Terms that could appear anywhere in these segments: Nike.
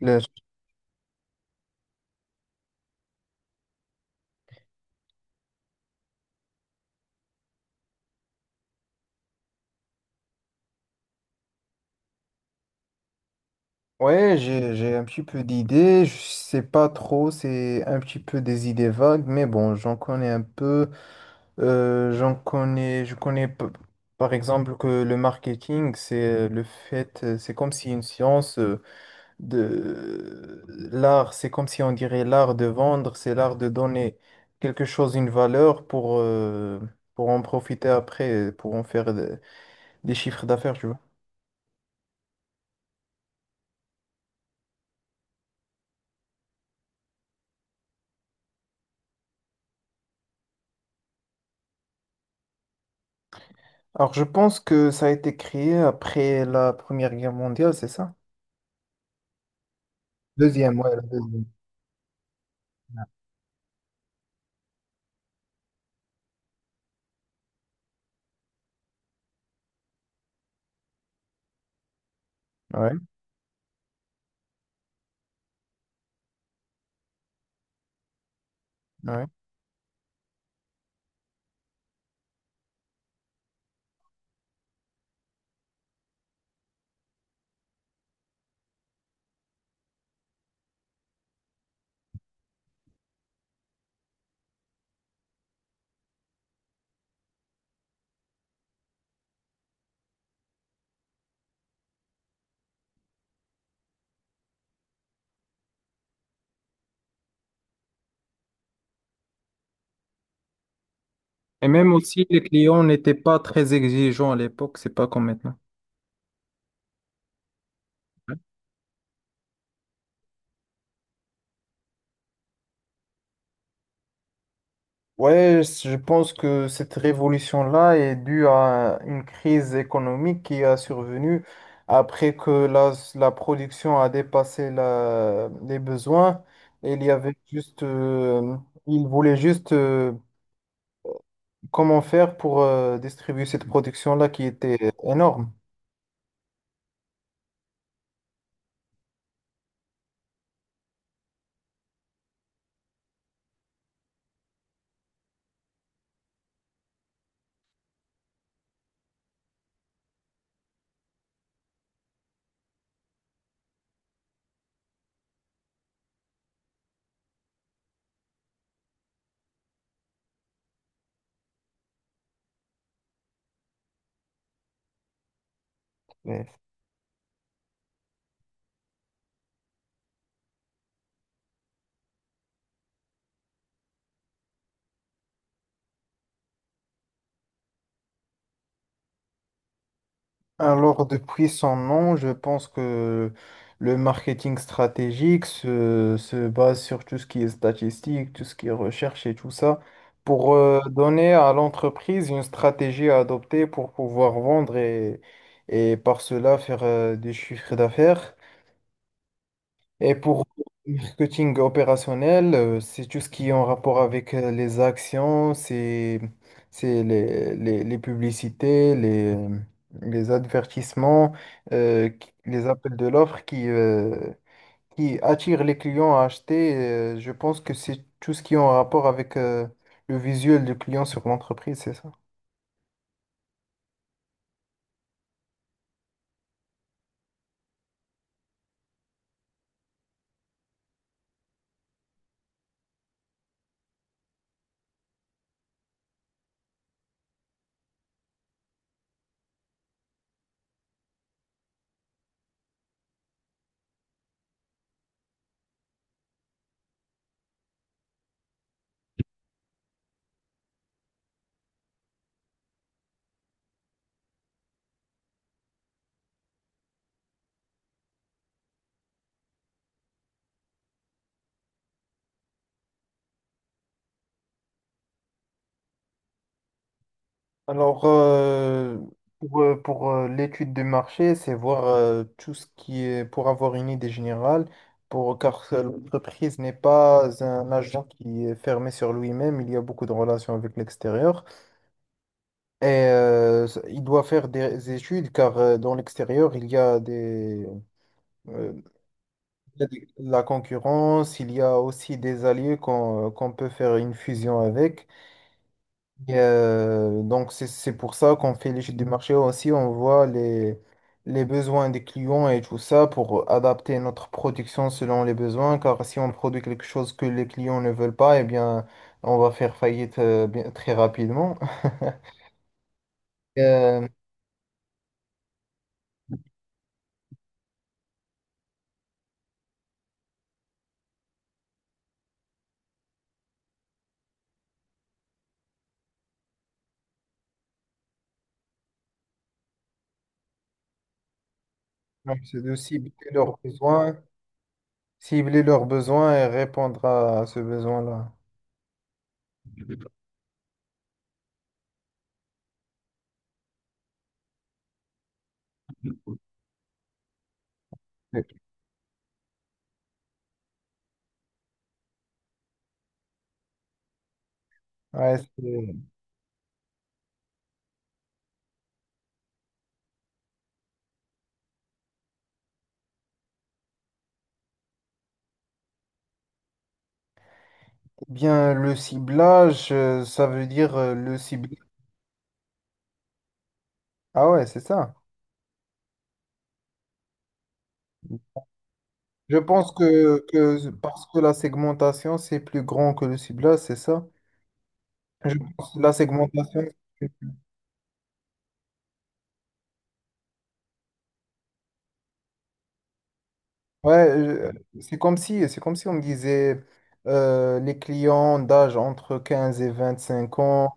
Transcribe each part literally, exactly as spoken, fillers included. Le- Ouais, j'ai, j'ai un petit peu d'idées, je sais pas trop, c'est un petit peu des idées vagues, mais bon, j'en connais un peu. Euh, j'en connais, je connais p- par exemple que le marketing, c'est euh, le fait, euh, c'est comme si une science euh, de l'art, c'est comme si on dirait l'art de vendre, c'est l'art de donner quelque chose, une valeur pour, euh, pour en profiter après, pour en faire des, des chiffres d'affaires, tu vois. Alors, je pense que ça a été créé après la Première Guerre mondiale, c'est ça? Deuxième, ouais, la deuxième. Ouais, ouais. Et même aussi, les clients n'étaient pas très exigeants à l'époque, c'est pas comme maintenant. Ouais. Ouais, je pense que cette révolution-là est due à une crise économique qui a survenu après que la, la production a dépassé la- les besoins. Il y avait juste, euh, ils voulaient juste euh, comment faire pour euh, distribuer cette production-là qui était énorme? Mais- Alors, depuis son nom, je pense que le marketing stratégique se, se base sur tout ce qui est statistique, tout ce qui est recherche et tout ça, pour euh, donner à l'entreprise une stratégie à adopter pour pouvoir vendre et, et par cela faire euh, du chiffre d'affaires. Et pour le marketing opérationnel, euh, c'est tout ce qui est en rapport avec euh, les actions, c'est c'est les, les, les publicités, les, les advertisements, euh, qui- les appels de l'offre qui, euh, qui attirent les clients à acheter. Euh, je pense que c'est tout ce qui est en rapport avec euh, le visuel du client sur l'entreprise, c'est ça? Alors, euh, pour, euh, pour, euh, l'étude du marché, c'est voir euh, tout ce qui est pour avoir une idée générale, pour, car euh, l'entreprise n'est pas un agent qui est fermé sur lui-même, il y a beaucoup de relations avec l'extérieur. Et euh, c- il doit faire des études, car euh, dans l'extérieur, il y a des, euh, il y a des- la concurrence, il y a aussi des alliés qu'on euh, qu'on peut faire une fusion avec. Et, euh, donc, c'est c'est pour ça qu'on fait l'étude du marché aussi. On voit les, les besoins des clients et tout ça pour adapter notre production selon les besoins. Car si on produit quelque chose que les clients ne veulent pas, eh bien, on va faire faillite euh, bien- très rapidement. Euh, donc, c'est de cibler leurs besoins, cibler leurs besoins et répondre à ce besoin-là. Ouais, c'est- Eh bien, le ciblage, euh, ça veut dire euh, le ciblage. Ah ouais, c'est ça. Je pense que, que parce que la segmentation, c'est plus grand que le ciblage, c'est ça? Je pense que la segmentation, ouais, je- c'est comme si, c'est comme si on me disait euh, les clients d'âge entre quinze et vingt-cinq ans,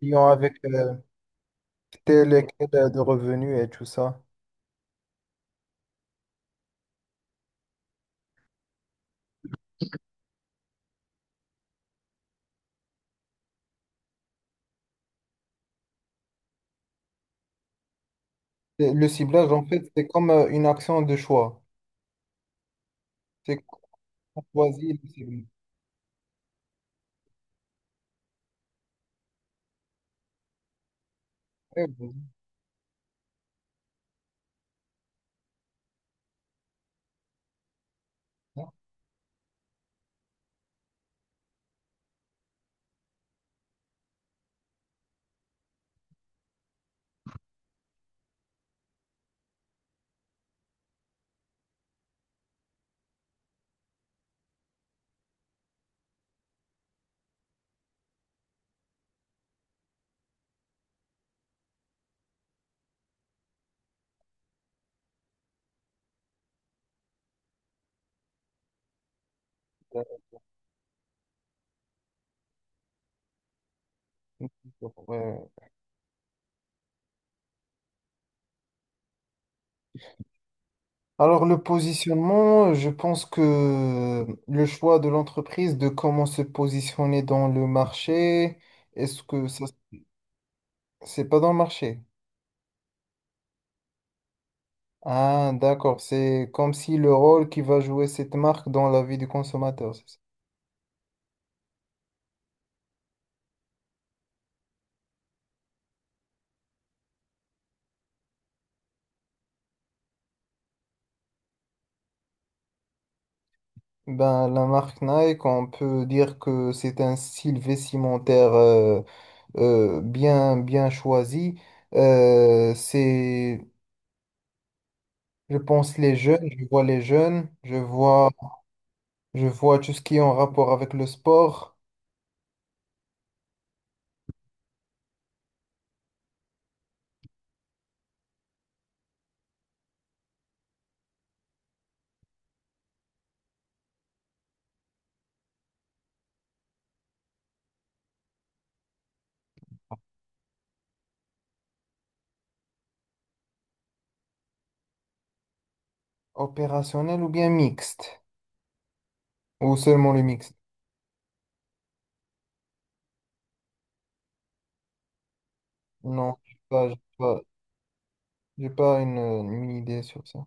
clients avec euh, tel et quel euh, de revenus et tout ça. Et le ciblage, en fait, c'est comme euh, une action de choix. C'est qu'on choisit le ciblage. Ouais, vas-y, hein. Euh, ouais, alors le positionnement, je pense que le choix de l'entreprise de comment se positionner dans le marché, est-ce que ça, c'est pas dans le marché? Ah, d'accord, c'est comme si le rôle qui va jouer cette marque dans la vie du consommateur, c'est ça. Ben, la marque Nike, on peut dire que c'est un style vestimentaire euh, euh, bien, bien choisi. Euh, c'est, je pense, les jeunes, je vois les jeunes, je vois, je vois tout ce qui est en rapport avec le sport opérationnel ou bien mixte. Ou seulement le mixte. Non, je n'ai pas, j'ai pas, j'ai pas une, une idée sur ça.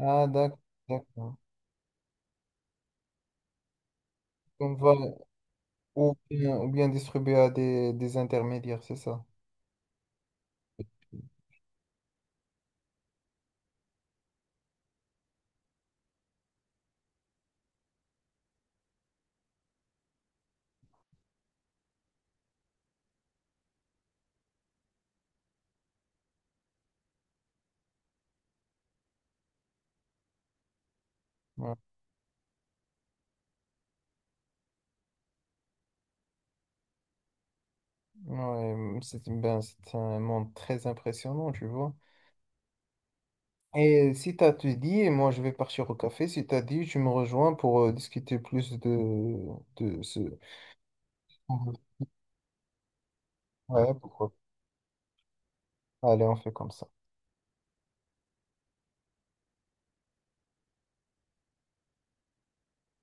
Ah, d'accord, d'accord. On va ou bien, ou bien distribuer à des, des intermédiaires, c'est ça. Ouais, Ouais, mm, c'est ben, c'est un monde très impressionnant, tu vois. Et si t'as tout dit, et moi je vais partir au café, si t'as dit, tu me rejoins pour euh, discuter plus de, de ce... Ouais, pourquoi pas. Allez, on fait comme ça.